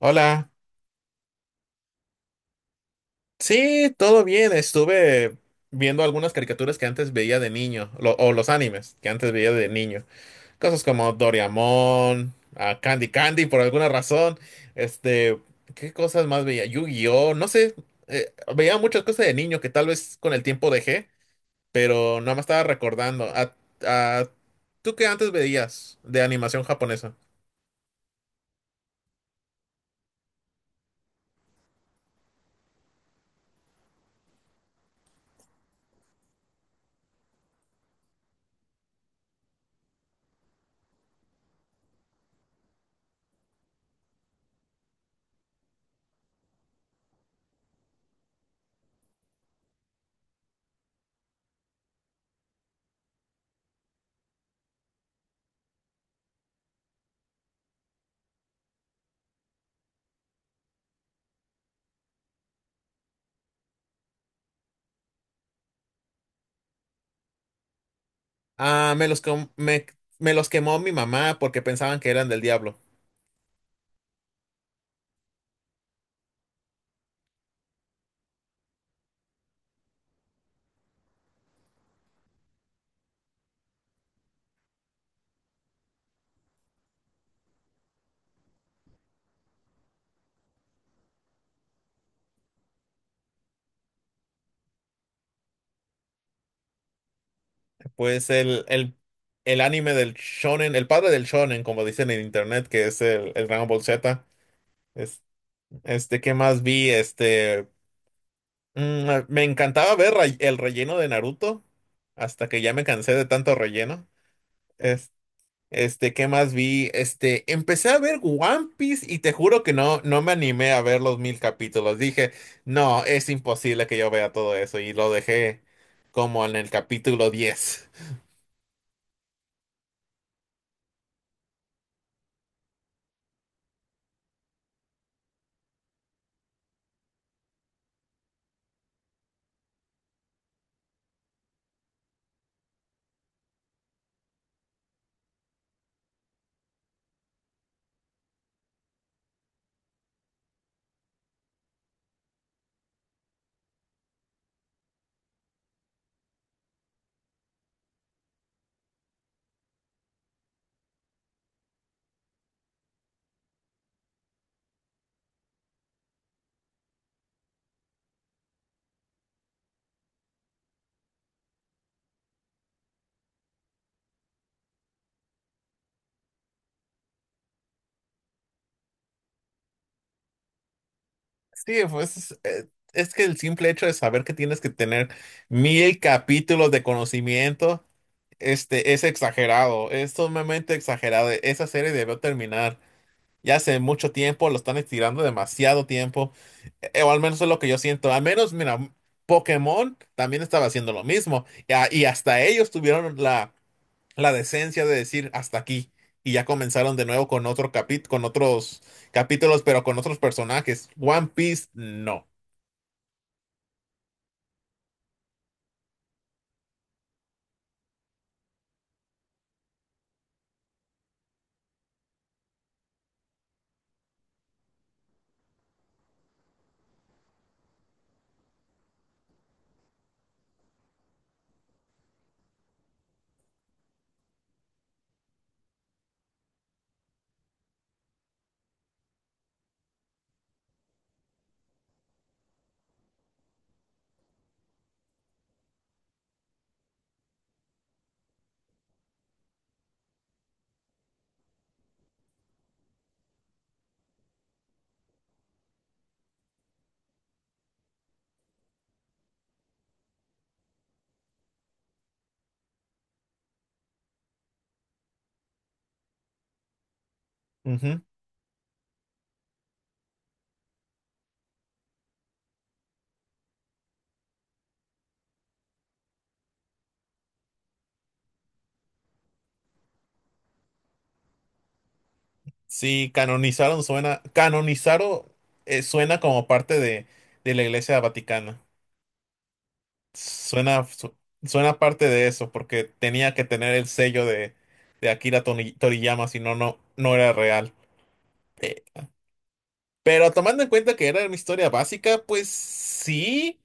Hola. Sí, todo bien. Estuve viendo algunas caricaturas que antes veía de niño, o los animes que antes veía de niño. Cosas como Doraemon, ah, Candy Candy por alguna razón. Este, ¿qué cosas más veía? Yu-Gi-Oh, no sé. Veía muchas cosas de niño que tal vez con el tiempo dejé, pero no me estaba recordando. Ah, ¿Tú qué antes veías de animación japonesa? Ah, me los quemó mi mamá porque pensaban que eran del diablo. Pues el anime del shonen, el padre del shonen, como dicen en internet, que es el Dragon Ball Z. Es, este, ¿qué más vi? Este, me encantaba ver el relleno de Naruto, hasta que ya me cansé de tanto relleno. Es- ¿Qué más vi? Este, empecé a ver One Piece y te juro que no me animé a ver los 1000 capítulos. Dije, no, es imposible que yo vea todo eso y lo dejé como en el capítulo 10. Sí, pues es que el simple hecho de saber que tienes que tener 1000 capítulos de conocimiento, este, es exagerado, es sumamente exagerado. Esa serie debió terminar ya hace mucho tiempo, lo están estirando demasiado tiempo, o al menos es lo que yo siento. Al menos, mira, Pokémon también estaba haciendo lo mismo, y, y hasta ellos tuvieron la decencia de decir hasta aquí, y ya comenzaron de nuevo con con otros capítulos, pero con otros personajes. One Piece, no. Ujú. Sí, canonizaron suena como parte de la Iglesia Vaticana. Suena, su- suena parte de eso, porque tenía que tener el sello de Toriyama, si no, no era real. Eh, pero tomando en cuenta que era una historia básica, pues sí,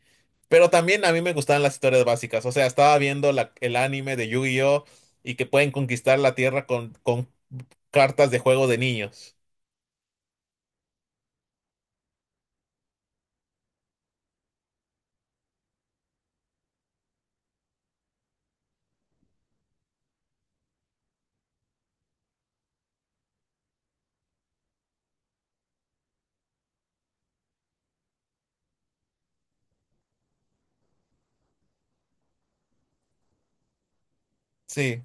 pero también a mí me gustaban las historias básicas. O sea, estaba viendo el anime de Yu-Gi-Oh! Y que pueden conquistar la Tierra con cartas de juego de niños. Sí.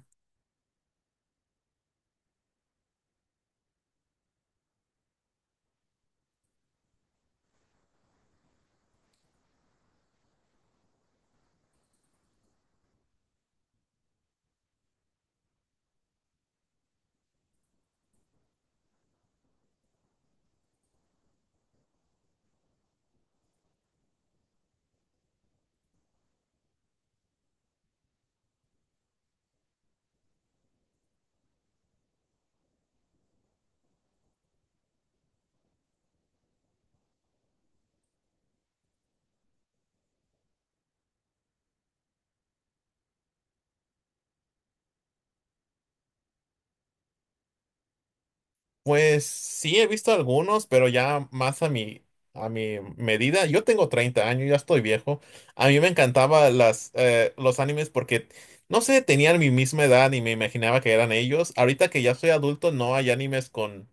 Pues sí, he visto algunos, pero ya más a a mi medida. Yo tengo 30 años, ya estoy viejo. A mí me encantaban los animes porque, no sé, tenían mi misma edad y me imaginaba que eran ellos. Ahorita que ya soy adulto, no hay animes con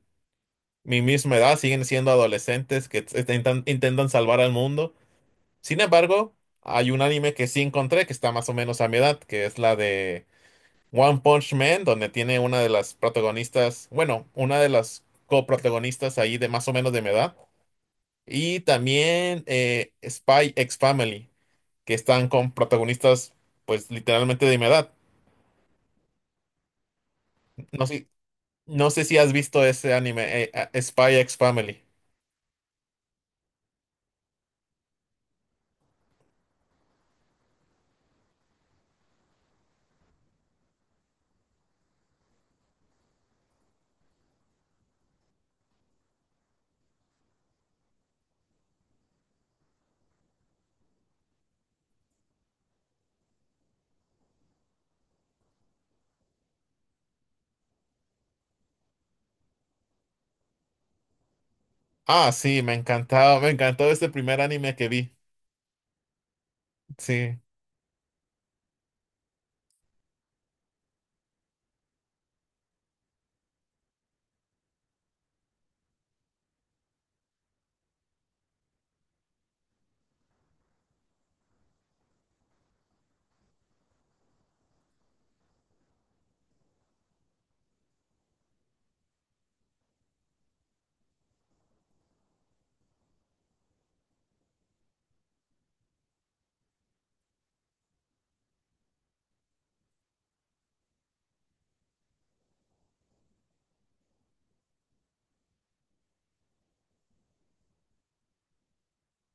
mi misma edad. Siguen siendo adolescentes que intentan salvar al mundo. Sin embargo, hay un anime que sí encontré que está más o menos a mi edad, que es la de One Punch Man, donde tiene una de las protagonistas, bueno, una de las coprotagonistas ahí de más o menos de mi edad. Y también Spy X Family, que están con protagonistas, pues literalmente de mi edad. No sé, no sé si has visto ese anime, Spy X Family. Ah, sí, me encantaba, me encantó ese primer anime que vi. Sí.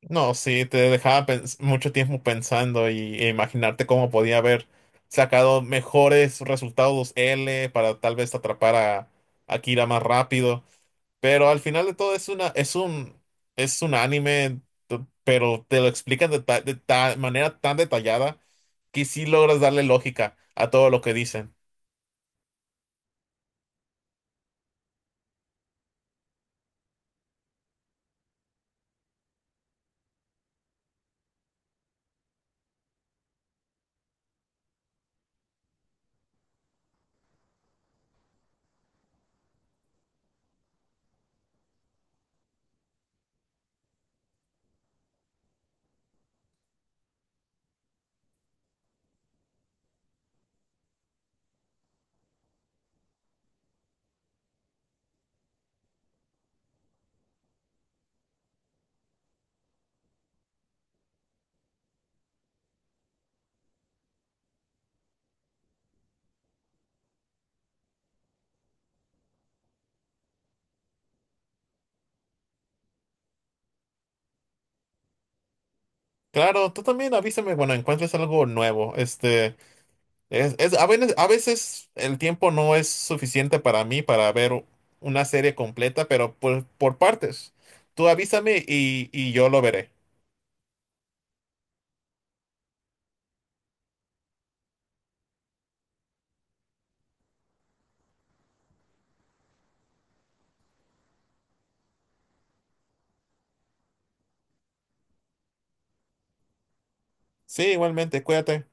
No, sí, te dejaba mucho tiempo pensando y, e imaginarte cómo podía haber sacado mejores resultados L para tal vez atrapar a Akira más rápido. Pero al final de todo es es un anime, pero te lo explican de, manera tan detallada que sí logras darle lógica a todo lo que dicen. Claro, tú también avísame cuando encuentres algo nuevo. Este. A veces, a veces el tiempo no es suficiente para mí para ver una serie completa, pero por partes. Tú avísame y yo lo veré. Sí, igualmente, cuídate.